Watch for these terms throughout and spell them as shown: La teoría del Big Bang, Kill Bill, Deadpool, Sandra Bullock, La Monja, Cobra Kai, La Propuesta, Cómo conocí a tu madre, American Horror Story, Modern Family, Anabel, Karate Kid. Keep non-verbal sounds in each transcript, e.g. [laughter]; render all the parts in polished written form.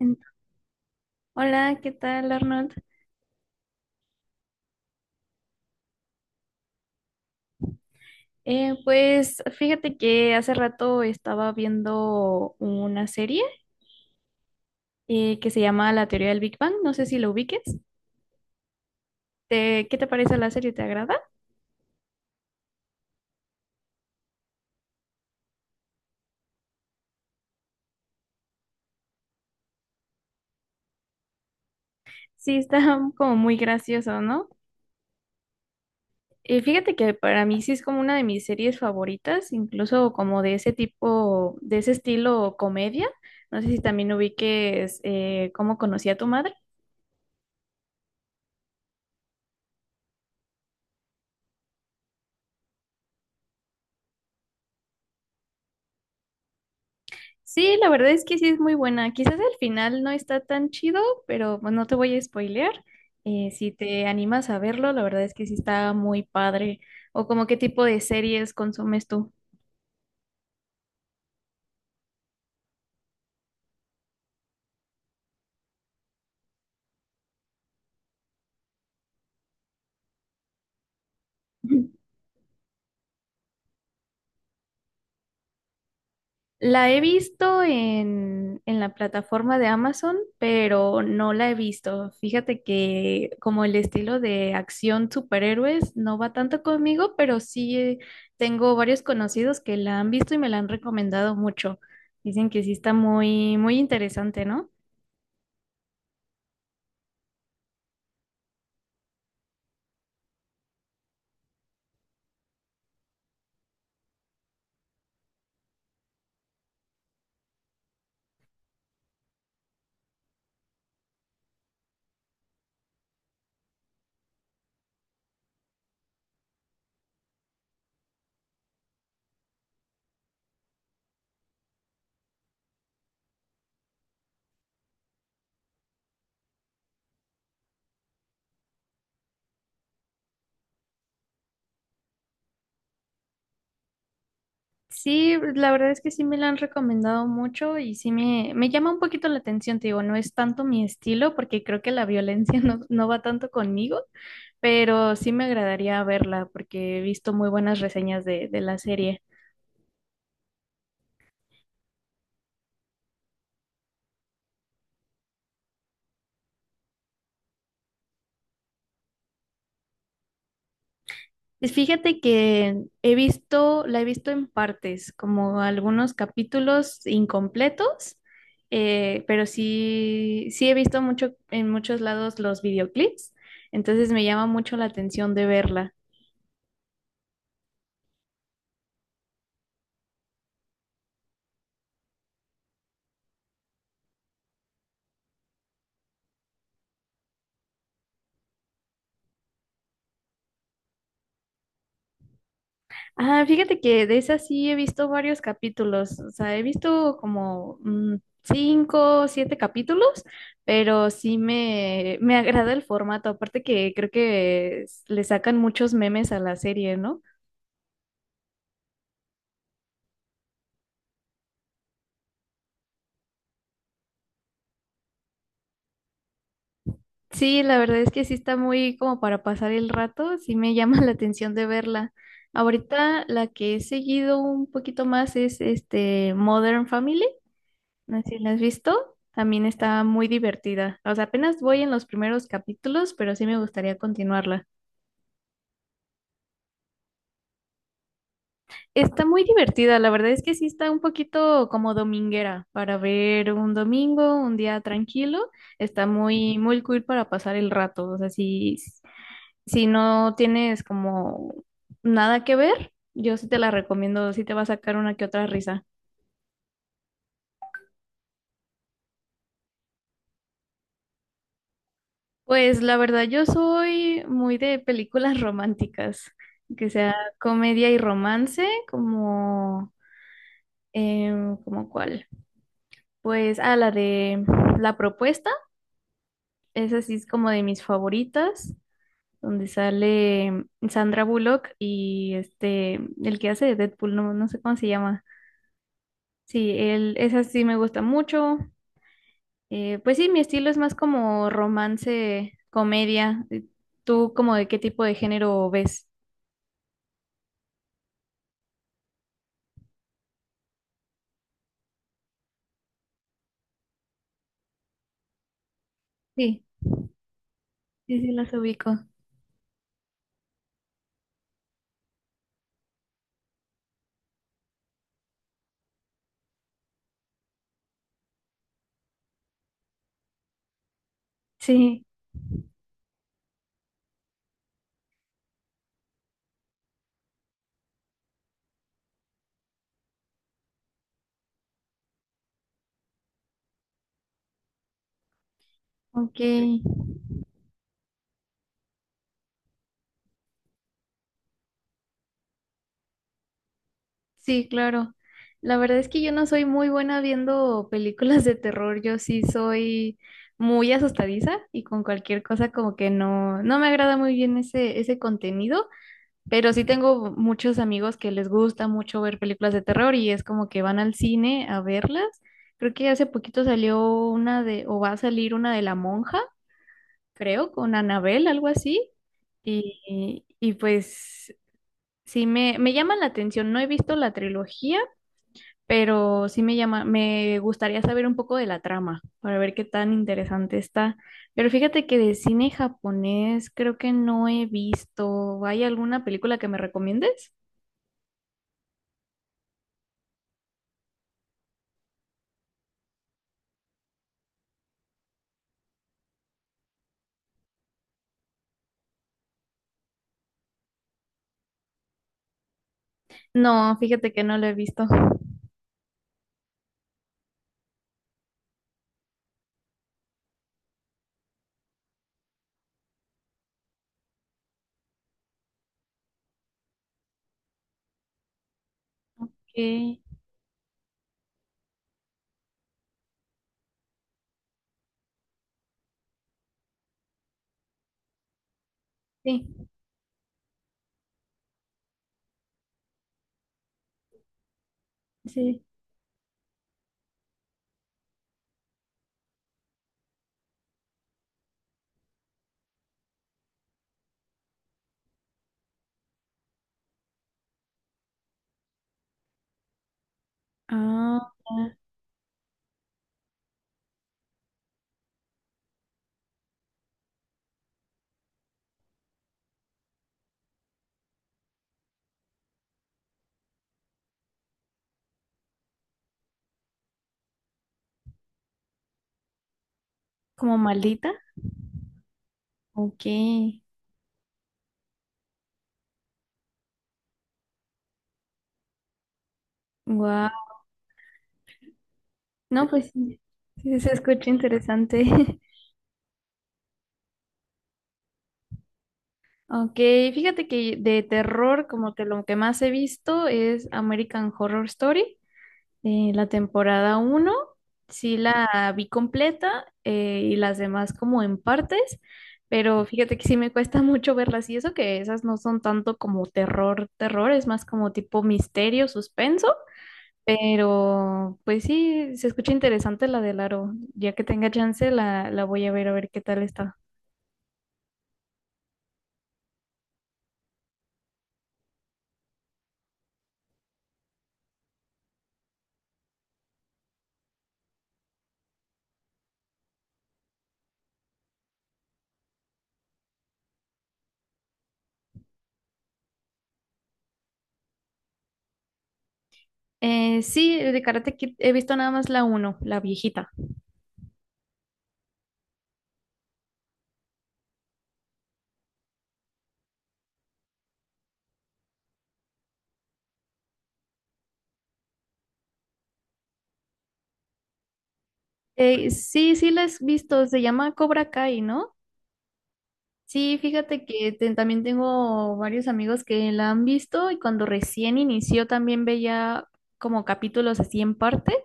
En- Hola, ¿qué tal, Arnold? Pues fíjate que hace rato estaba viendo una serie que se llama La Teoría del Big Bang. No sé si lo ubiques. ¿Qué te parece la serie? ¿Te agrada? Sí, está [laughs] como muy gracioso, ¿no? Fíjate que para mí sí es como una de mis series favoritas, incluso como de ese tipo, de ese estilo comedia. No sé si también ubiques cómo conocí a tu madre. Sí, la verdad es que sí es muy buena. Quizás el final no está tan chido, pero pues, no te voy a spoilear. Si te animas a verlo, la verdad es que sí está muy padre. ¿O como qué tipo de series consumes tú? [laughs] La he visto en la plataforma de Amazon, pero no la he visto. Fíjate que como el estilo de acción superhéroes no va tanto conmigo, pero sí tengo varios conocidos que la han visto y me la han recomendado mucho. Dicen que sí está muy, muy interesante, ¿no? Sí, la verdad es que sí me la han recomendado mucho y sí me llama un poquito la atención, te digo, no es tanto mi estilo porque creo que la violencia [laughs] no, no va tanto conmigo, pero sí me agradaría verla porque he visto muy buenas reseñas de la serie. Y fíjate que he visto, la he visto en partes, como algunos capítulos incompletos, pero sí, sí he visto mucho en muchos lados los videoclips, entonces me llama mucho la atención de verla. Ah, fíjate que de esa sí he visto varios capítulos, o sea, he visto como cinco, siete capítulos, pero sí me agrada el formato, aparte que creo que le sacan muchos memes a la serie, ¿no? Sí, la verdad es que sí está muy como para pasar el rato, sí me llama [laughs] la atención de verla. Ahorita la que he seguido un poquito más es este Modern Family. No sé si la has visto, también está muy divertida. O sea, apenas voy en los primeros capítulos, pero sí me gustaría continuarla. Está muy divertida, la verdad es que sí está un poquito como dominguera para ver un domingo, un día tranquilo. Está muy, muy cool para pasar el rato. O sea, si no tienes como nada que ver, yo sí te la recomiendo, sí te va a sacar una que otra risa. Pues la verdad, yo soy muy de películas románticas, que sea comedia y romance, como, ¿como cuál? Pues ah la de La Propuesta, esa sí es como de mis favoritas, donde sale Sandra Bullock y este, el que hace de Deadpool, no, no sé cómo se llama. Sí, él, esa sí me gusta mucho. Pues sí, mi estilo es más como romance, comedia. ¿Tú como de qué tipo de género ves? Sí. Sí, sí, las ubico. Sí, ok. Sí, claro. La verdad es que yo no soy muy buena viendo películas de terror. Yo sí soy muy asustadiza y con cualquier cosa como que no, no me agrada muy bien ese, ese contenido, pero sí tengo muchos amigos que les gusta mucho ver películas de terror y es como que van al cine a verlas. Creo que hace poquito salió una de, o va a salir una de La Monja, creo, con Anabel, algo así. Y pues sí, me llama la atención. No he visto la trilogía, pero sí me llama, me gustaría saber un poco de la trama para ver qué tan interesante está. Pero fíjate que de cine japonés creo que no he visto. ¿Hay alguna película que me recomiendes? No, fíjate que no lo he visto. Ok. Sí, sí. Ah, ya. ¿Como maldita? Ok. Wow. No, pues sí, sí se escucha interesante. [laughs] Ok, fíjate que de terror, como que lo que más he visto es American Horror Story, la temporada uno sí la vi completa, y las demás como en partes, pero fíjate que sí me cuesta [laughs] mucho verlas y eso que esas no son tanto como terror, terror, es más como tipo misterio, suspenso, pero pues sí, se escucha interesante la del aro, ya que tenga chance la voy a ver qué tal está. Sí, de Karate Kid he visto nada más la uno, la viejita. Sí, sí la he visto, se llama Cobra Kai, ¿no? Sí, fíjate que también tengo varios amigos que la han visto y cuando recién inició también veía como capítulos así en partes.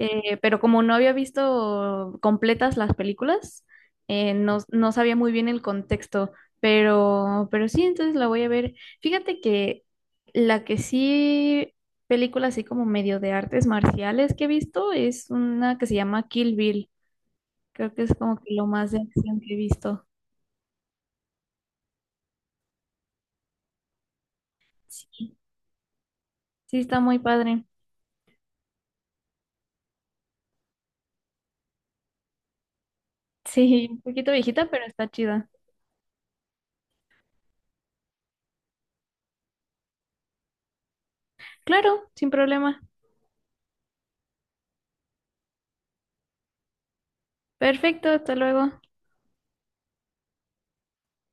Pero como no había visto completas las películas, no, no sabía muy bien el contexto, pero sí, entonces la voy a ver. Fíjate que la que sí, película así como medio de artes marciales que he visto es una que se llama Kill Bill. Creo que es como que lo más de acción que he visto. Sí, sí, está muy padre. Sí, un poquito viejita, pero está chida. Claro, sin problema. Perfecto, hasta luego.